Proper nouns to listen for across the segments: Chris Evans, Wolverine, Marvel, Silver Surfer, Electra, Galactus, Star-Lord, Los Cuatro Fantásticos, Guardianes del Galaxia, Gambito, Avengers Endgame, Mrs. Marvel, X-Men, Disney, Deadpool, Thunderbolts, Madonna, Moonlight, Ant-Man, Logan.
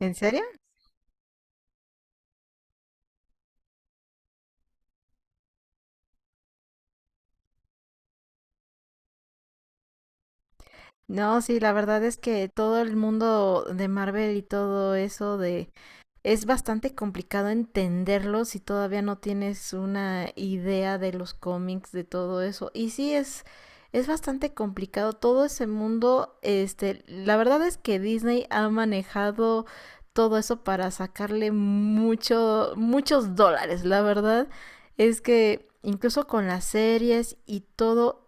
¿En serio? No, sí, la verdad es que todo el mundo de Marvel y todo eso de es bastante complicado entenderlo si todavía no tienes una idea de los cómics, de todo eso. Y sí es bastante complicado todo ese mundo, este, la verdad es que Disney ha manejado todo eso para sacarle muchos dólares, la verdad es que incluso con las series y todo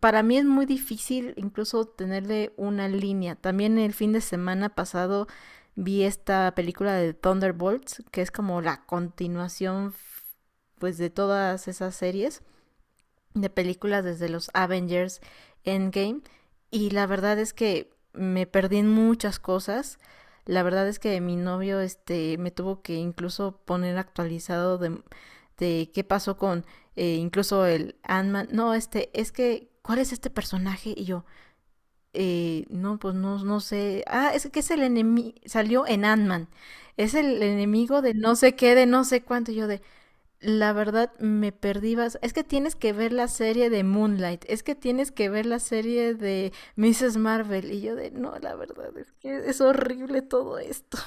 para mí es muy difícil incluso tenerle una línea. También el fin de semana pasado vi esta película de Thunderbolts, que es como la continuación pues de todas esas series de películas desde los Avengers Endgame y la verdad es que me perdí en muchas cosas. La verdad es que mi novio este me tuvo que incluso poner actualizado de qué pasó con incluso el Ant-Man. No, este, es que, ¿cuál es este personaje? Y yo, no, pues no, sé. Ah, es que es el enemigo, salió en Ant-Man. Es el enemigo de no sé qué, de no sé cuánto. Y yo de, la verdad me perdí. Es que tienes que ver la serie de Moonlight. Es que tienes que ver la serie de Mrs. Marvel. Y yo de, no, la verdad es que es horrible todo esto.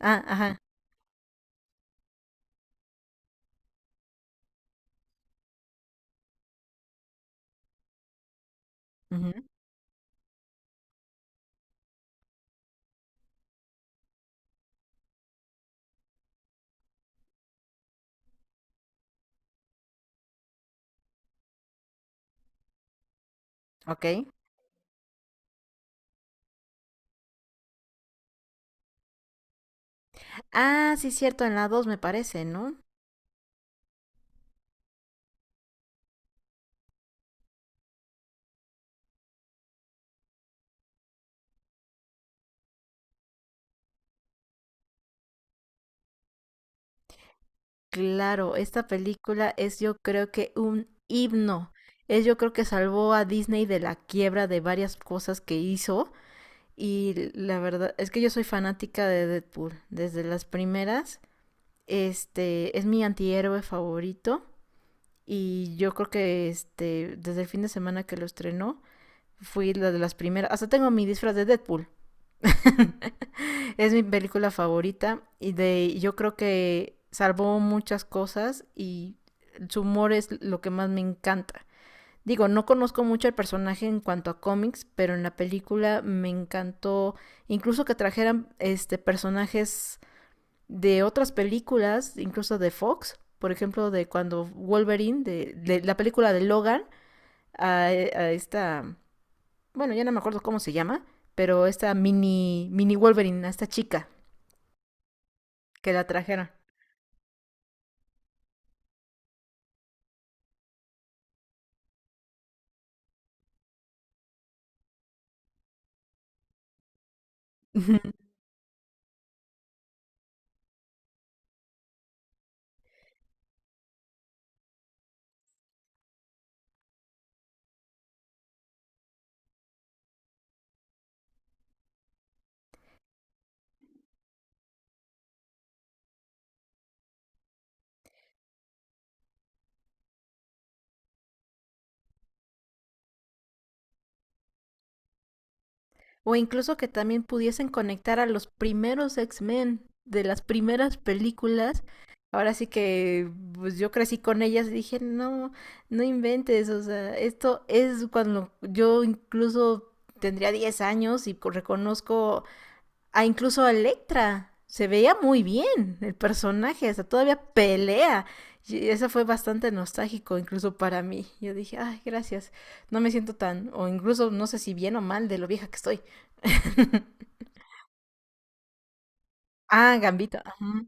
Ah, ajá. Ujú. Ok. Ah, sí, cierto, en la 2 me parece, ¿no? Claro, esta película es yo creo que un himno. Es yo creo que salvó a Disney de la quiebra de varias cosas que hizo. Y la verdad es que yo soy fanática de Deadpool desde las primeras. Este es mi antihéroe favorito y yo creo que este desde el fin de semana que lo estrenó fui la de las primeras, hasta tengo mi disfraz de Deadpool. Es mi película favorita y de yo creo que salvó muchas cosas y su humor es lo que más me encanta. Digo, no conozco mucho el personaje en cuanto a cómics, pero en la película me encantó incluso que trajeran este personajes de otras películas, incluso de Fox, por ejemplo, de cuando Wolverine, de la película de Logan, esta, bueno, ya no me acuerdo cómo se llama, pero esta mini Wolverine, a esta chica que la trajeron. O incluso que también pudiesen conectar a los primeros X-Men de las primeras películas. Ahora sí que pues yo crecí con ellas y dije, no, no inventes, o sea, esto es cuando yo incluso tendría 10 años y reconozco a incluso a Electra. Se veía muy bien el personaje, hasta todavía pelea. Y eso fue bastante nostálgico incluso para mí. Yo dije, ay, gracias. No me siento tan, o incluso no sé si bien o mal de lo vieja que estoy. Ah, Gambito. Ajá.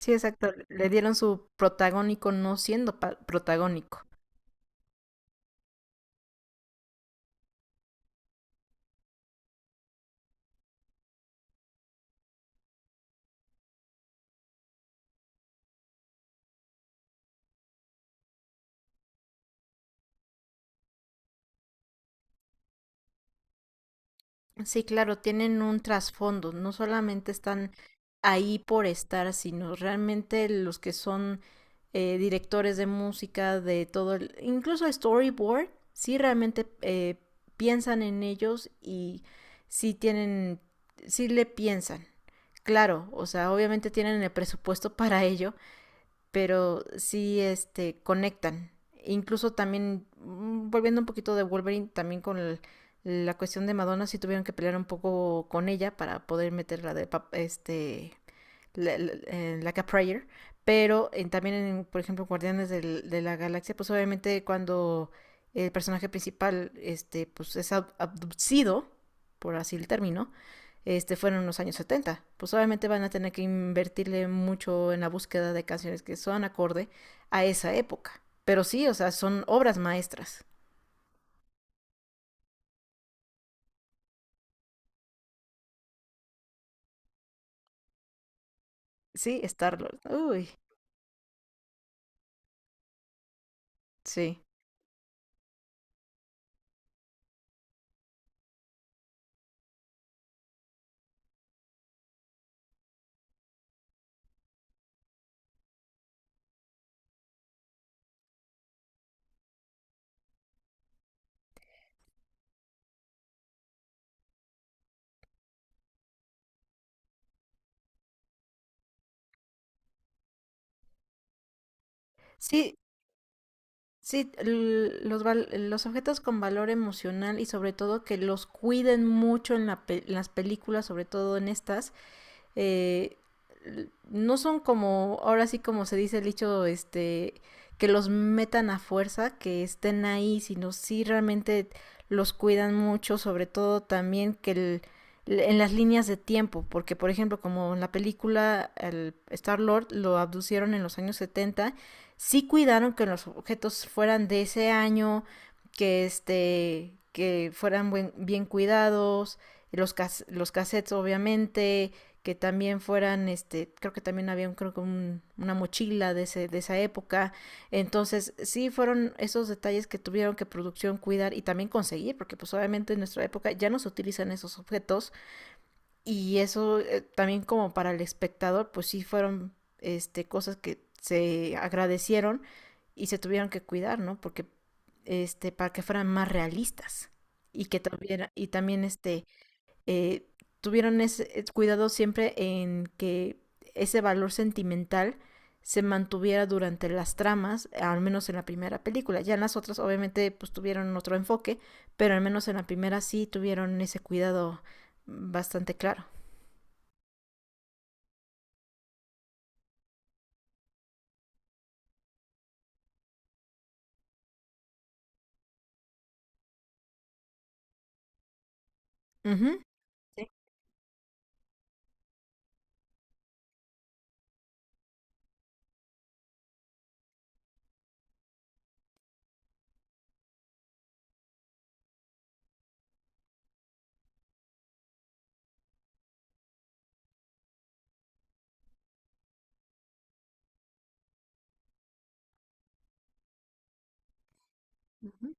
Sí, exacto. Le dieron su protagónico no siendo protagónico. Sí, claro, tienen un trasfondo, no solamente están ahí por estar, sino realmente los que son directores de música, de todo, incluso el storyboard, sí realmente piensan en ellos y sí tienen, sí le piensan, claro, o sea, obviamente tienen el presupuesto para ello, pero sí este conectan. Incluso también volviendo un poquito de Wolverine también con la cuestión de Madonna sí tuvieron que pelear un poco con ella para poder meterla de este like pero también, en, por ejemplo, de la Galaxia, pues obviamente cuando el personaje principal este, pues, es abducido, por así el término, este, fueron en los años setenta. Pues obviamente van a tener que invertirle mucho en la búsqueda de canciones que son acorde a esa época. Pero sí, o sea, son obras maestras. Sí, Star-Lord. Uy, sí. Sí, los objetos con valor emocional y sobre todo que los cuiden mucho en en las películas, sobre todo en estas, eh, no son como, ahora sí como se dice el dicho, este, que los metan a fuerza, que estén ahí, sino sí realmente los cuidan mucho, sobre todo también que el, en las líneas de tiempo, porque por ejemplo, como en la película el Star Lord lo abducieron en los años setenta, sí cuidaron que los objetos fueran de ese año, que este que fueran bien cuidados, los cassettes obviamente, que también fueran, este, creo que también había un, creo que una mochila de, de esa época. Entonces, sí fueron esos detalles que tuvieron que producción cuidar y también conseguir, porque pues obviamente en nuestra época ya no se utilizan esos objetos y eso, también como para el espectador, pues sí fueron, este, cosas que se agradecieron y se tuvieron que cuidar, ¿no? Porque, este, para que fueran más realistas y que tuviera, y también, este, eh, tuvieron ese cuidado siempre en que ese valor sentimental se mantuviera durante las tramas, al menos en la primera película. Ya en las otras obviamente pues tuvieron otro enfoque, pero al menos en la primera sí tuvieron ese cuidado bastante claro. Ujú. Sí. Ujú,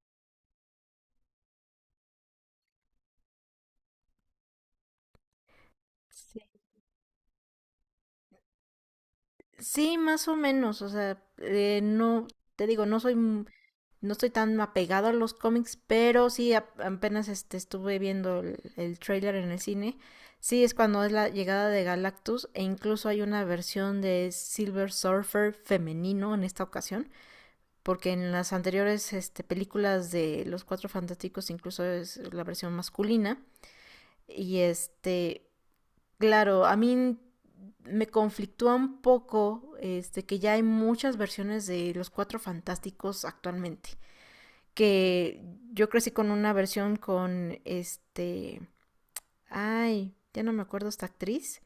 sí. Sí, más o menos, o sea, no, te digo, no estoy tan apegado a los cómics, pero sí apenas este, estuve viendo el tráiler en el cine. Sí, es cuando es la llegada de Galactus e incluso hay una versión de Silver Surfer femenino en esta ocasión, porque en las anteriores este, películas de Los Cuatro Fantásticos incluso es la versión masculina. Y este, claro, a mí me conflictúa un poco este, que ya hay muchas versiones de Los Cuatro Fantásticos actualmente que yo crecí con una versión con este, ay, ya no me acuerdo esta actriz,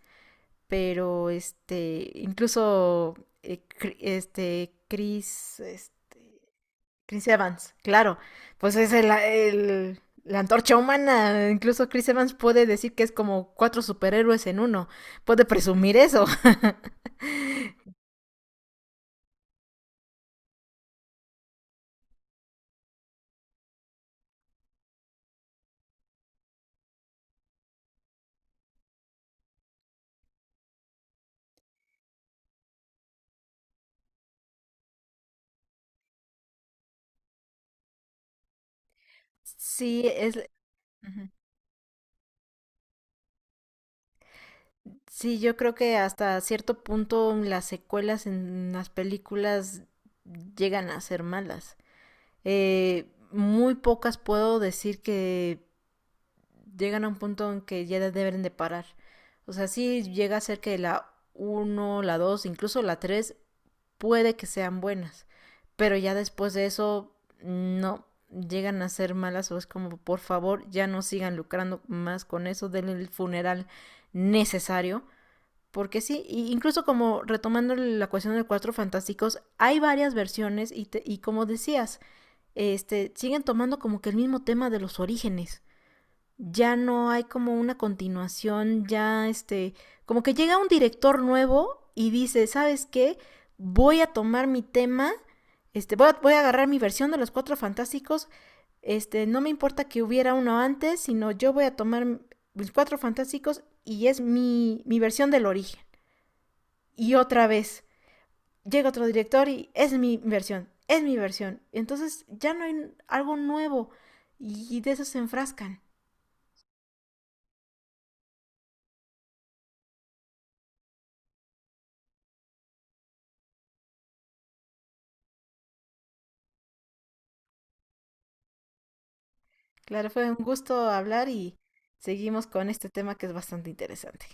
pero este, incluso eh, este Chris Evans, claro, pues es el, la antorcha humana, incluso Chris Evans puede decir que es como cuatro superhéroes en uno, puede presumir eso. Sí, es... Sí, yo creo que hasta cierto punto las secuelas en las películas llegan a ser malas. Muy pocas puedo decir que llegan a un punto en que ya deben de parar. O sea, sí llega a ser que la uno, la 2, incluso la 3 puede que sean buenas, pero ya después de eso no llegan a ser malas o es como por favor ya no sigan lucrando más con eso, denle el funeral necesario porque sí, y incluso como retomando la cuestión de Cuatro Fantásticos, hay varias versiones y, te, y como decías, este, siguen tomando como que el mismo tema de los orígenes. Ya no hay como una continuación, ya este, como que llega un director nuevo y dice, ¿sabes qué? Voy a tomar mi tema, este, voy a agarrar mi versión de los Cuatro Fantásticos, este, no me importa que hubiera uno antes, sino yo voy a tomar mis Cuatro Fantásticos y es mi versión del origen y otra vez llega otro director y es mi versión, es mi versión. Entonces ya no hay algo nuevo y de eso se enfrascan. Claro, fue un gusto hablar y seguimos con este tema que es bastante interesante.